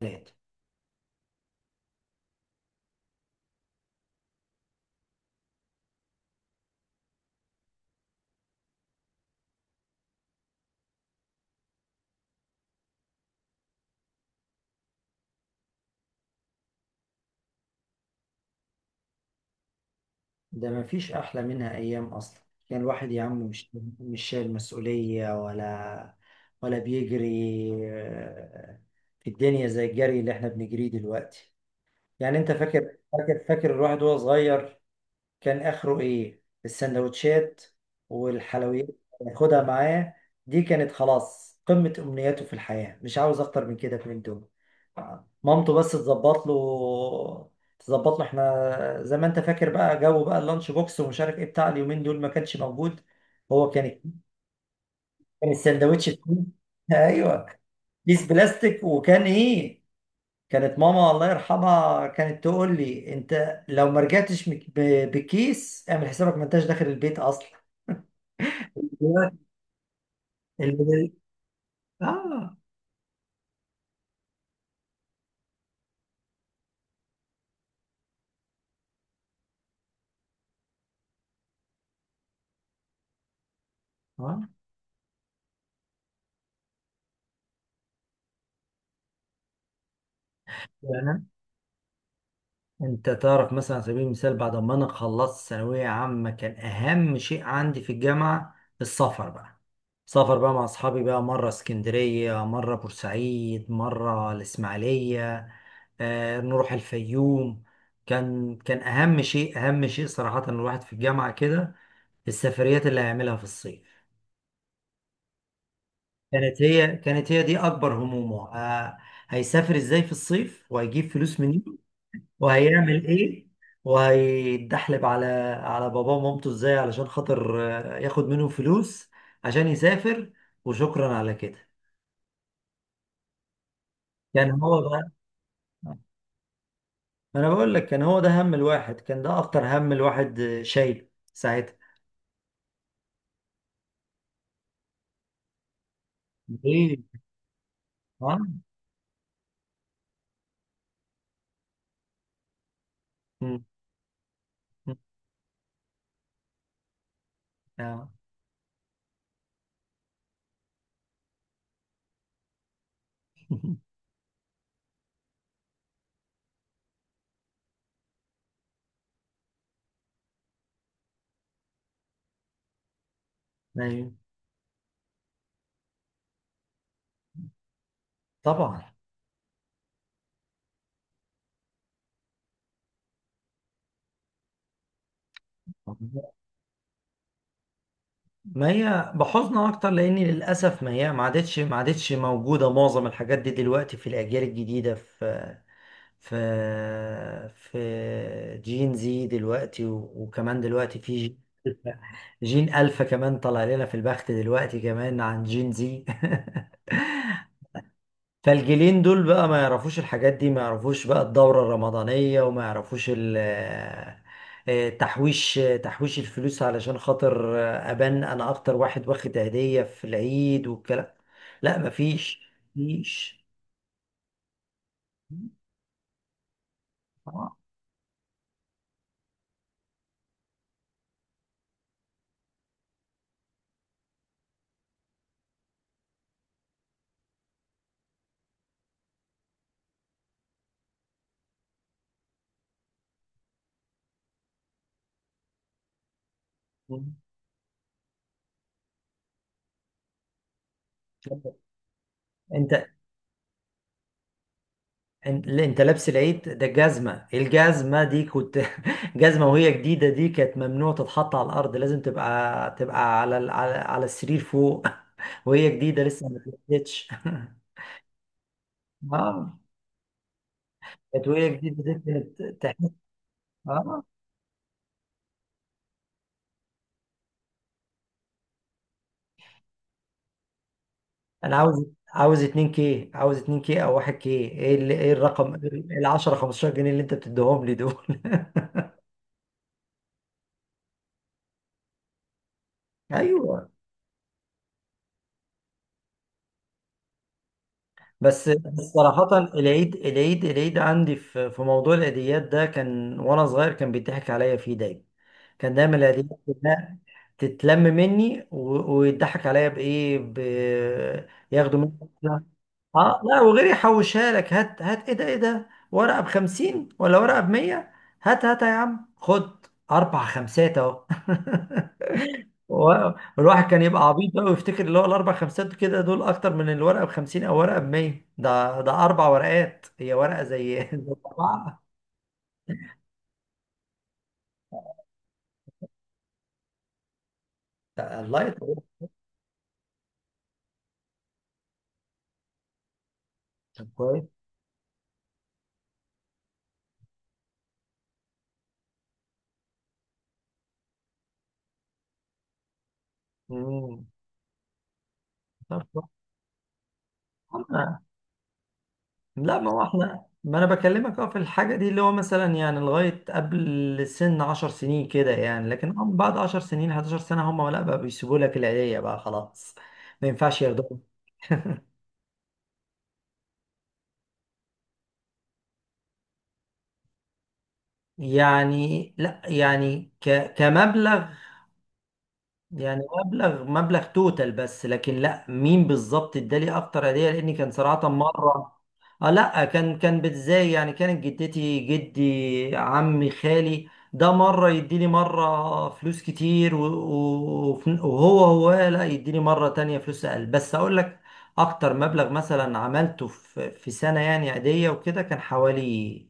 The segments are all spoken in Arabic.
ثلاثة. ده مفيش أحلى منها أيام أصلا. يعني الواحد يا عم مش شايل مسؤولية ولا بيجري آه، في الدنيا زي الجري اللي احنا بنجريه دلوقتي. يعني أنت فاكر فاكر فاكر الواحد وهو صغير، كان اخره ايه؟ السندوتشات والحلويات اللي ياخدها معاه، دي كانت خلاص قمة امنياته في الحياة، مش عاوز اكتر من كده من دول. مامته بس تظبط له. احنا زي ما انت فاكر بقى، جو بقى اللانش بوكس ومش عارف ايه بتاع اليومين دول ما كانش موجود. هو كان الساندوتش ايوه، كيس بلاستيك. وكان ايه؟ كانت ماما الله يرحمها كانت تقول لي انت لو ما رجعتش بالكيس، اعمل حسابك ما انتش داخل البيت اصلا. دلوقتي. اللي. اه، اه. يعني انت تعرف مثلا، على سبيل المثال، بعد ما انا خلصت ثانويه عامه كان اهم شيء عندي في الجامعه السفر بقى. سفر بقى مع اصحابي، بقى مره اسكندريه، مره بورسعيد، مره الاسماعيليه، نروح الفيوم. كان اهم شيء، صراحه، الواحد في الجامعه كده السفريات اللي هيعملها في الصيف. كانت هي دي اكبر همومه، هيسافر ازاي في الصيف؟ وهيجيب فلوس منين؟ وهيعمل ايه؟ وهيتدحلب على باباه ومامته ازاي علشان خاطر، ياخد منهم فلوس عشان يسافر؟ وشكرا على كده. كان هو بقى. ما انا بقول لك، كان هو ده هم الواحد، كان ده اكتر هم الواحد، شايل ساعتها. ايه؟ اه. أمم، أمم، آه. أيوة. طبعا. ما هي بحزن اكتر لان للاسف ما هي ما عادتش موجوده معظم الحاجات دي دلوقتي في الاجيال الجديده، في في جين زي دلوقتي، وكمان دلوقتي في جين الفا كمان طلع لنا في البخت دلوقتي كمان عن جين زي. فالجيلين دول بقى ما يعرفوش الحاجات دي، ما يعرفوش بقى الدورة الرمضانية، وما يعرفوش تحويش الفلوس علشان خاطر، أبان أنا أكتر واحد واخد هدية في العيد والكلام. لا، مفيش. آه. أنت. انت اللي انت لابس العيد ده، جزمة، الجزمة دي كنت، جزمة وهي جديدة، دي كانت ممنوع تتحط على الأرض، لازم تبقى على على السرير فوق، وهي جديدة لسه ما اتلبستش. اه، كانت وهي جديدة دي كانت تحس. اه، أنا عاوز 2 كي، أو 1 كي، إيه الرقم؟ ال 10 15 جنيه اللي أنت بتديهم لي دول. أيوه. بس صراحة، العيد، عندي في موضوع العيديات ده، كان وأنا صغير كان بيضحك عليا فيه دايما. كان دايما العيديات كلها تتلم مني، ويضحك عليا بإيه؟ ياخدوا مني. اه، لا، وغير يحوشها لك؟ هات هات، ايه ده؟ ايه ده؟ ورقة بخمسين ولا ورقة بمية؟ هات هات يا عم، خد أربع خمسات أهو. و- والواحد كان يبقى عبيط بقى ويفتكر اللي هو الاربع خمسات كده دول اكتر من الورقه ب 50 او ورقه ب 100. ده اربع ورقات، هي ورقه زي زي اربعه. الله يطول. طب كويس. مم. طب كويس. أما- لا، ما هو احنا، ما انا بكلمك اه في الحاجه دي اللي هو مثلا يعني لغايه قبل سن 10 سنين كده يعني، لكن بعد 10 سنين، 11 سنه، هم لا بقى بيسيبوا لك العيديه بقى خلاص، ما ينفعش ياخدوها. يعني لا، يعني كمبلغ، يعني مبلغ توتال بس، لكن لا مين بالظبط ادالي اكتر هديه، لاني كان صراحه مره. اه لا، كان بتزاي يعني. كانت جدتي، جدي، عمي، خالي، ده مره يديني مره فلوس كتير، وهو لا يديني مره تانية فلوس اقل. بس اقول لك اكتر مبلغ مثلا عملته في سنه يعني عاديه وكده، كان حوالي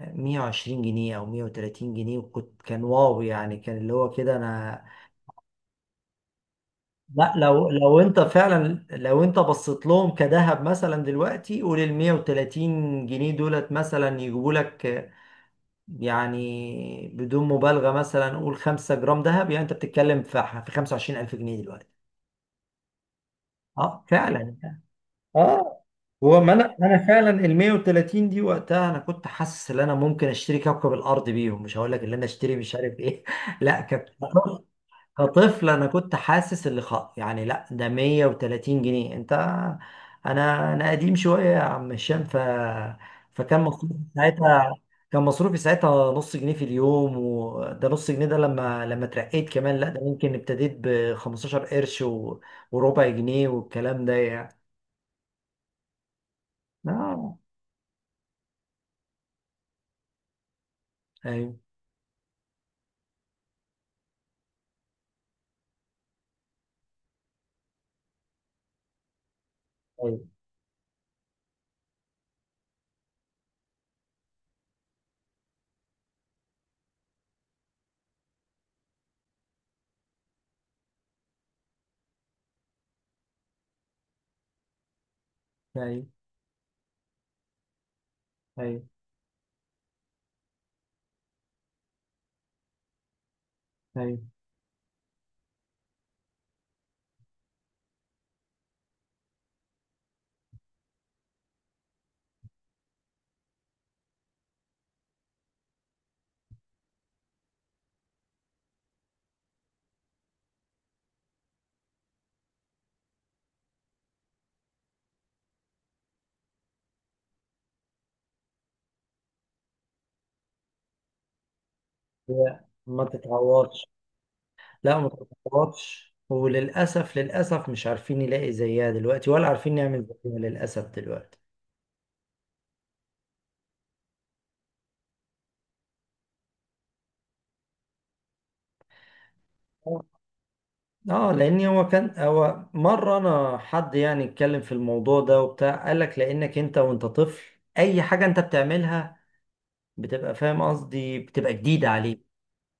120 جنيه او 130 جنيه، وكنت واو، يعني كان اللي هو كده انا. لا، لو انت فعلا، لو انت بصيت لهم كذهب مثلا دلوقتي، قول ال 130 جنيه دولت مثلا يجيبوا لك، يعني بدون مبالغه، مثلا قول 5 جرام ذهب، يعني انت بتتكلم في 25,000 جنيه دلوقتي. اه فعلا. اه. هو ما انا فعلا ال 130 دي وقتها انا كنت حاسس ان انا ممكن اشتري كوكب الارض بيهم، مش هقول لك ان انا اشتري مش عارف ايه. لا كانت. كطفل انا كنت حاسس اللي يعني، لا، ده 130 جنيه، انت. انا قديم شويه يا عم هشام، فكان مصروفي ساعتها، كان مصروفي ساعتها نص جنيه في اليوم. وده نص جنيه ده لما، اترقيت كمان، لا ده ممكن ابتديت ب 15 قرش و... وربع جنيه والكلام ده يعني. اه. ايوه، ايوه، ايوه، ايوه، ايوه. هي ما تتعوضش. لا، ما تتطلبش، وللأسف مش عارفين يلاقي زيها دلوقتي، ولا عارفين نعمل زيها للأسف دلوقتي. اه لان هو مره انا، حد يعني اتكلم في الموضوع ده وبتاع، قال لك لانك انت وانت طفل، اي حاجه انت بتعملها بتبقى فاهم قصدي، بتبقى جديده عليك،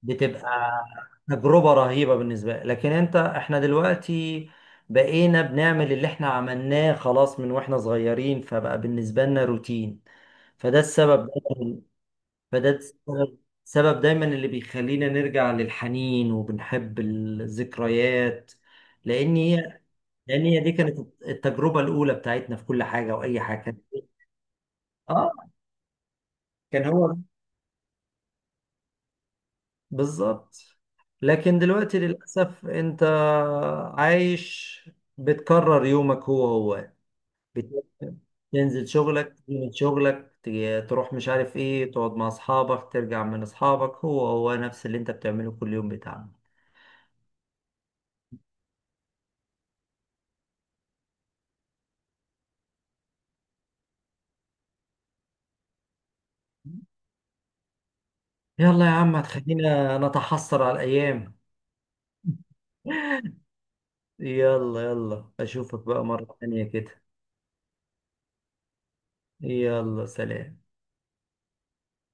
بتبقى تجربه رهيبه بالنسبه لك، لكن انت، احنا دلوقتي بقينا بنعمل اللي احنا عملناه خلاص من واحنا صغيرين، فبقى بالنسبه لنا روتين. فده السبب، فده السبب سبب دايما اللي بيخلينا نرجع للحنين وبنحب الذكريات، لان هي، دي كانت التجربه الاولى بتاعتنا في كل حاجه واي حاجه كان. اه، كان هو بالظبط. لكن دلوقتي للاسف انت عايش بتكرر يومك هو هو، بت- تنزل شغلك، تيجي من شغلك، تروح مش عارف ايه، تقعد مع اصحابك، ترجع من اصحابك، هو هو نفس اللي انت بتعمله كل يوم بتاعك. يلا يا عم هتخلينا نتحسر على الأيام. يلا يلا، أشوفك بقى مرة تانية كده. يلا سلام.